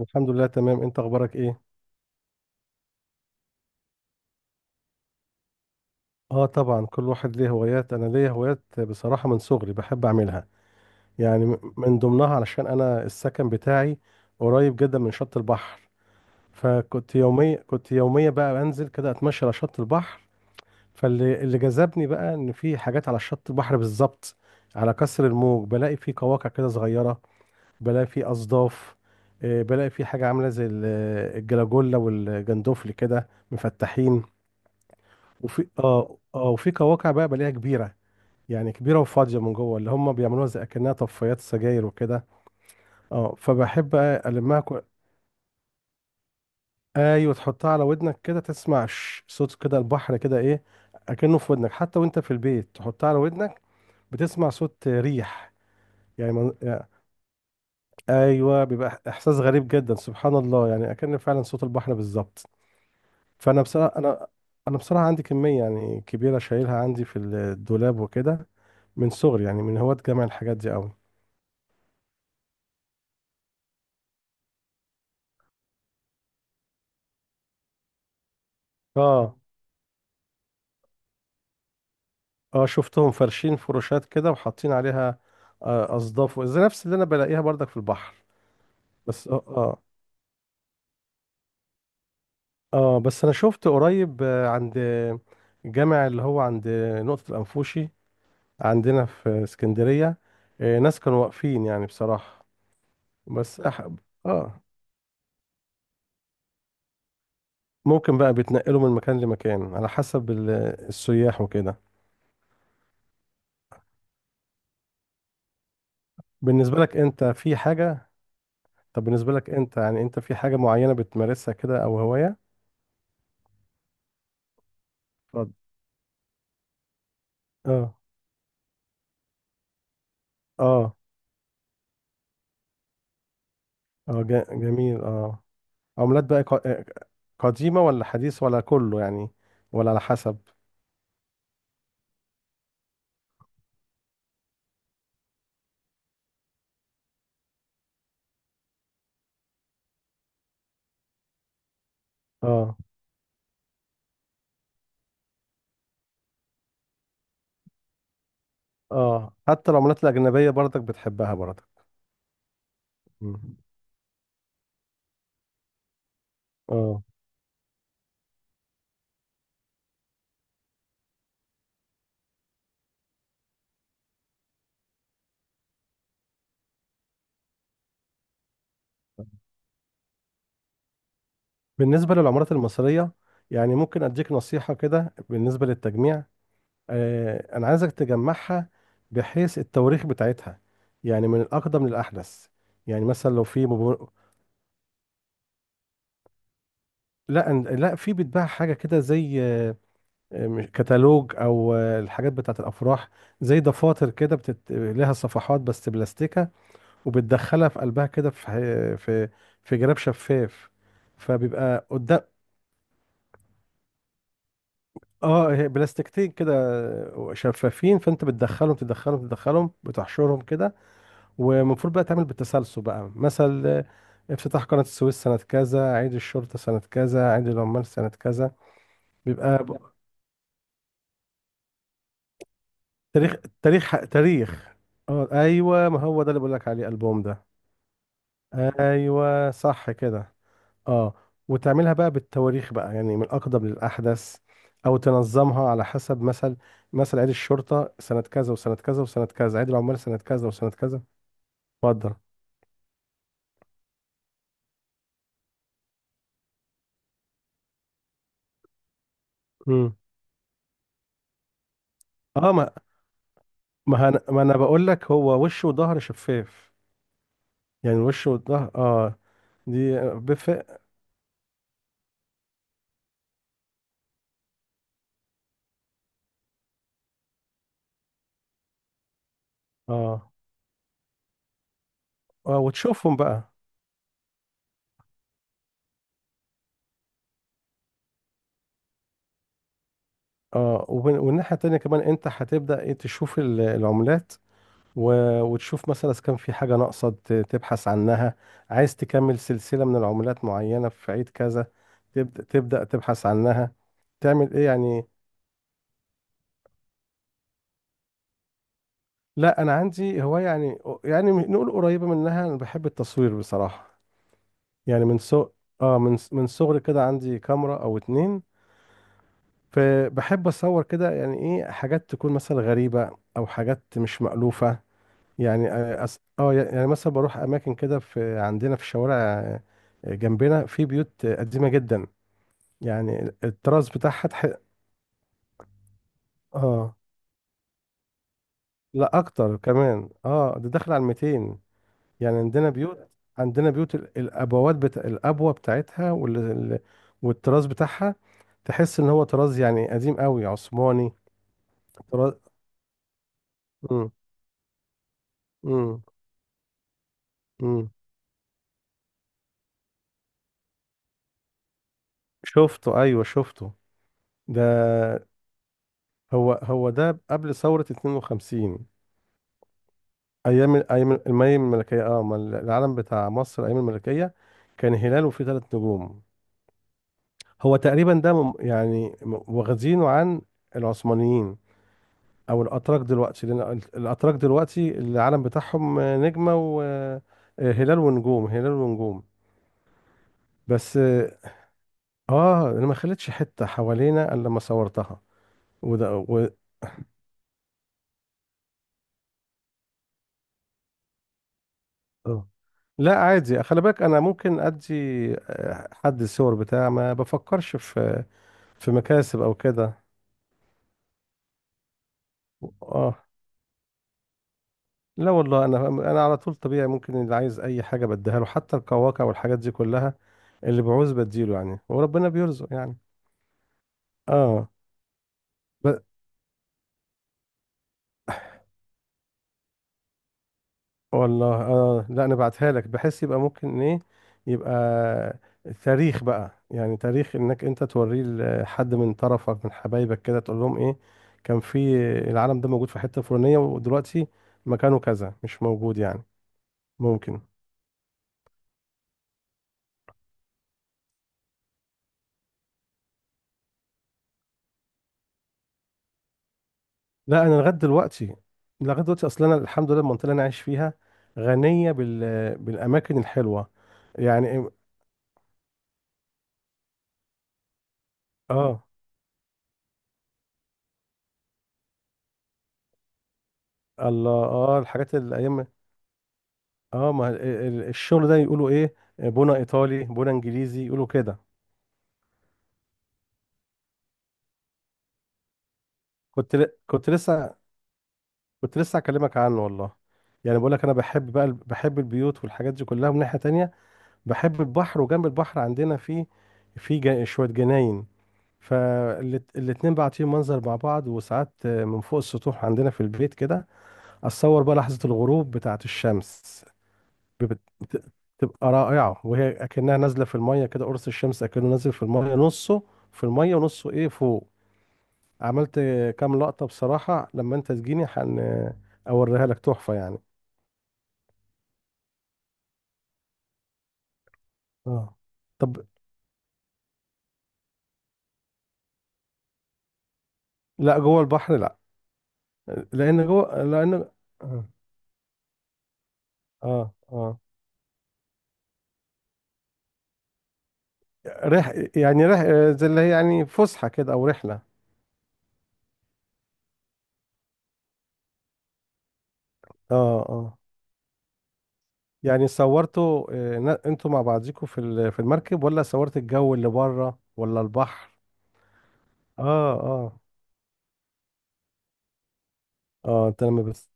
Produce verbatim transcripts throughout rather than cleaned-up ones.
الحمد لله تمام، انت اخبارك ايه؟ اه طبعا، كل واحد ليه هوايات. انا ليا هوايات بصراحة من صغري بحب اعملها. يعني م- من ضمنها، علشان انا السكن بتاعي قريب جدا من شط البحر. فكنت يوميا كنت يوميا بقى بنزل كده اتمشى على شط البحر. فاللي اللي جذبني بقى ان في حاجات على شط البحر بالظبط، على كسر الموج بلاقي في قواقع كده صغيرة، بلاقي في اصداف، آه، بلاقي في حاجة عاملة زي ال- الجلاجولا والجندوفلي كده مفتحين. وفي اه اه وفي قواقع بقى بلاقيها كبيره، يعني كبيره وفاضيه من جوه، اللي هم بيعملوها زي اكنها طفايات سجاير وكده. اه فبحب بقى المها كو... ايوه، تحطها على ودنك كده تسمع ش- صوت كده البحر كده ايه، اكنه في ودنك. حتى وانت في البيت تحطها على ودنك بتسمع صوت ريح. يعني من... ايوه، بيبقى احساس غريب جدا، سبحان الله، يعني اكن فعلا صوت البحر بالظبط. فانا بصراحه انا انا بصراحه عندي كميه يعني كبيره شايلها عندي في الدولاب وكده، من صغري، يعني من هواة جمع الحاجات دي قوي. اه اه شفتهم فرشين فروشات كده وحاطين عليها آه، اصداف زي نفس اللي انا بلاقيها برضك في البحر. بس اه اه اه بس انا شفت قريب، آه، عند جامع اللي هو عند نقطة الأنفوشي عندنا في اسكندرية. آه، ناس كانوا واقفين يعني، بصراحة. بس أحب، اه، ممكن بقى بيتنقلوا من مكان لمكان على حسب ال- السياح وكده. بالنسبة لك انت في حاجة؟ طب بالنسبة لك انت يعني انت في حاجة معينة بتمارسها كده او هواية؟ اتفضل. اه اه اه جا- جميل اه عملات بقى، ق- آه، قديمة ولا حديث ولا كله يعني؟ ولا على حسب؟ اه، اه، حتى العملات الأجنبية برضك بتحبها برضك؟ مم. اه، بالنسبة للعملات المصرية، يعني ممكن أديك نصيحة كده بالنسبة للتجميع؟ آه، انا عايزك تجمعها بحيث التواريخ بتاعتها، يعني من الاقدم للاحدث. يعني مثلا لو في مبو... لا أن- لا، في بيتباع حاجه كده زي، آه، مش- كتالوج، او آه، الحاجات بتاعت الافراح، زي دفاتر كده بتت... لها صفحات بس بلاستيكه، وبتدخلها في قلبها كده، في ح- في في جراب شفاف، فبيبقى قدام. اه، هي بلاستيكتين كده، آه، شفافين، فانت بتدخلهم تدخلهم تدخلهم بتحشرهم كده. ومفروض بقى تعمل بالتسلسل بقى مثل، آه، افتتاح قناة السويس سنة كذا، عيد الشرطة سنة كذا، عيد العمال سنة كذا. بيبقى ب- تاريخ، تاريخ، تاريخ. اه، ايوه، ما هو ده اللي بقول لك عليه، البوم ده. ايوه، صح كده. اه، وتعملها بقى بالتواريخ بقى، يعني من الاقدم للاحدث، او تنظمها على حسب مثل مثل عيد الشرطة سنة كذا وسنة كذا وسنة كذا، عيد العمال سنة كذا وسنة كذا. اتفضل. مم. اه، ما ما, هن... ما انا بقول لك هو وش وظهر شفاف. يعني الوش والظهر، اه دي بفرق. اه، اه، وتشوفهم بقى. اه، وبن- والناحية التانية كمان انت هتبدأ ايه، تشوف ال- العملات، و- وتشوف مثلا اذا كان في حاجة ناقصة، ت- تبحث عنها. عايز تكمل سلسلة من العملات معينة في عيد كذا، تبدأ تبدأ تبحث عنها، تعمل ايه يعني. لا، انا عندي هواية يعني يعني نقول قريبة منها، انا بحب التصوير بصراحة. يعني من سو اه من من صغري كده عندي كاميرا او اتنين، فبحب اصور كده، يعني ايه، حاجات تكون مثلا غريبة او حاجات مش مألوفة. يعني اه أس- آه، يعني مثلا بروح اماكن كده في عندنا في الشوارع، آه، جنبنا في بيوت آه، قديمة جدا، يعني الطراز بتاعها تح... اه لا، اكتر كمان. اه ده داخل على ميتين يعني. عندنا بيوت، عندنا بيوت ال- الابوات بتا... الابوة بتاعتها، وال... ال- والطراز بتاعها، تحس ان هو طراز يعني قديم قوي، عثماني، طراز. امم، امم، إمم. شفته، ايوه، شفته ده. هو هو ده قبل ثورة اتنين وخمسين، ايام ايام المي الملكية. اه، ما العلم بتاع مصر ايام الملكية كان هلال وفيه ثلاث نجوم. هو تقريبا ده، مم- يعني م- واخدينه عن العثمانيين، او الاتراك دلوقتي، لان ال- الاتراك دلوقتي العلم بتاعهم، آه، نجمة وهلال، ونجوم، هلال ونجوم. بس اه آه، انا ما خلتش حتة حوالينا الا لما صورتها. اه، لا، عادي، خلي بالك، انا ممكن ادي آه، حد الصور بتاع، ما بفكرش في في مكاسب او كده. اه، لا، والله، انا انا على طول طبيعي، ممكن اللي عايز اي حاجه بديها له، حتى القواقع والحاجات دي كلها، اللي بعوز بديله يعني، وربنا بيرزق يعني. اه، والله، اه، لا، انا بعتها لك بحيث يبقى ممكن ايه، يبقى تاريخ بقى يعني، تاريخ انك انت توريه لحد من طرفك، من حبايبك كده، تقول لهم ايه، كان في العالم ده موجود في حتة فلانية، ودلوقتي مكانه كذا مش موجود يعني، ممكن. لا، انا لغاية دلوقتي، لغاية دلوقتي اصلا انا الحمد لله، المنطقة اللي انا عايش فيها غنية بال بالاماكن الحلوة. يعني إيه-، اه، الله، اه، الحاجات، الايام. اه، ما ال- ال- الشغل ده يقولوا ايه، بونا ايطالي، بونا انجليزي، يقولوا كده. كنت ل- كنت لسه كنت لسه اكلمك عنه، والله. يعني بقول لك، انا بحب بقى ال- بحب البيوت والحاجات دي كلها، من ناحية تانية بحب البحر. وجنب البحر عندنا في في جا- شوية جناين، فالاتنين بعطيهم منظر مع بعض. وساعات من فوق السطوح عندنا في البيت كده اتصور بقى لحظة الغروب بتاعة الشمس، بت- بت- بتبقى رائعة وهي أكنها نازلة في المية كده، قرص الشمس أكنه نازل في المية، نصه في المية ونصه إيه فوق. عملت كام لقطة بصراحة، لما أنت تجيني هن أوريها لك، تحفة يعني. اه، طب، لا، جوه البحر لا، لأن جوه، لأن اه اه آه. رح يعني رح زي اللي هي يعني فسحة كده، أو رحلة. اه، اه، يعني صورته، آه، ن- انتوا مع بعضيكوا في ال- في المركب، ولا صورت الجو اللي بره، ولا البحر؟ اه، اه، اه، انت لما بت...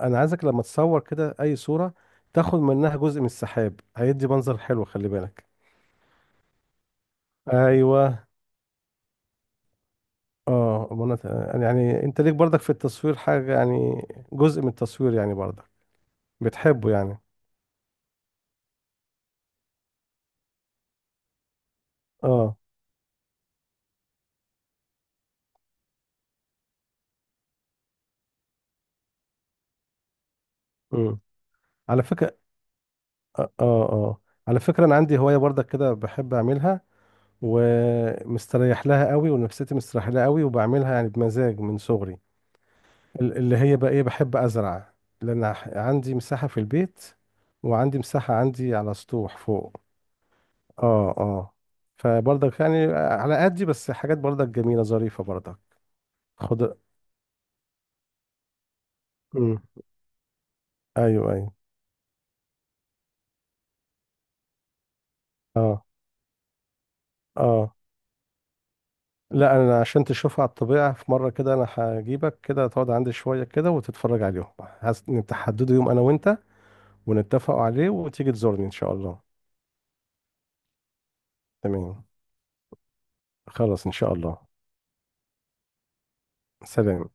انا عايزك لما تصور كده اي صورة تاخد منها جزء من السحاب، هيدي منظر حلو، خلي بالك. ايوه. اه، منت... يعني انت ليك برضك في التصوير حاجة يعني، جزء من التصوير يعني برضك، بتحبه يعني. اه. امم على فكرة، اه اه آه. على فكرة، انا عندي هواية برضك كده بحب اعملها، ومستريح لها قوي، ونفسيتي مستريح لها قوي، وبعملها يعني بمزاج من صغري، ال- اللي هي بقى ايه، بحب ازرع، لان ح- عندي مساحة في البيت، وعندي مساحة عندي على سطوح فوق. اه، اه، فبرضك يعني على قدي بس، حاجات برضك جميلة ظريفة برضك. خد. امم. ايوه ايوه. اه، اه، لا، انا عشان تشوفها على الطبيعة في مرة كده، انا هجيبك كده تقعد عندي شوية كده وتتفرج عليهم، هس- نتحددوا يوم انا وانت، ونتفقوا عليه، وتيجي تزورني ان شاء الله. تمام. خلاص، ان شاء الله. سلام.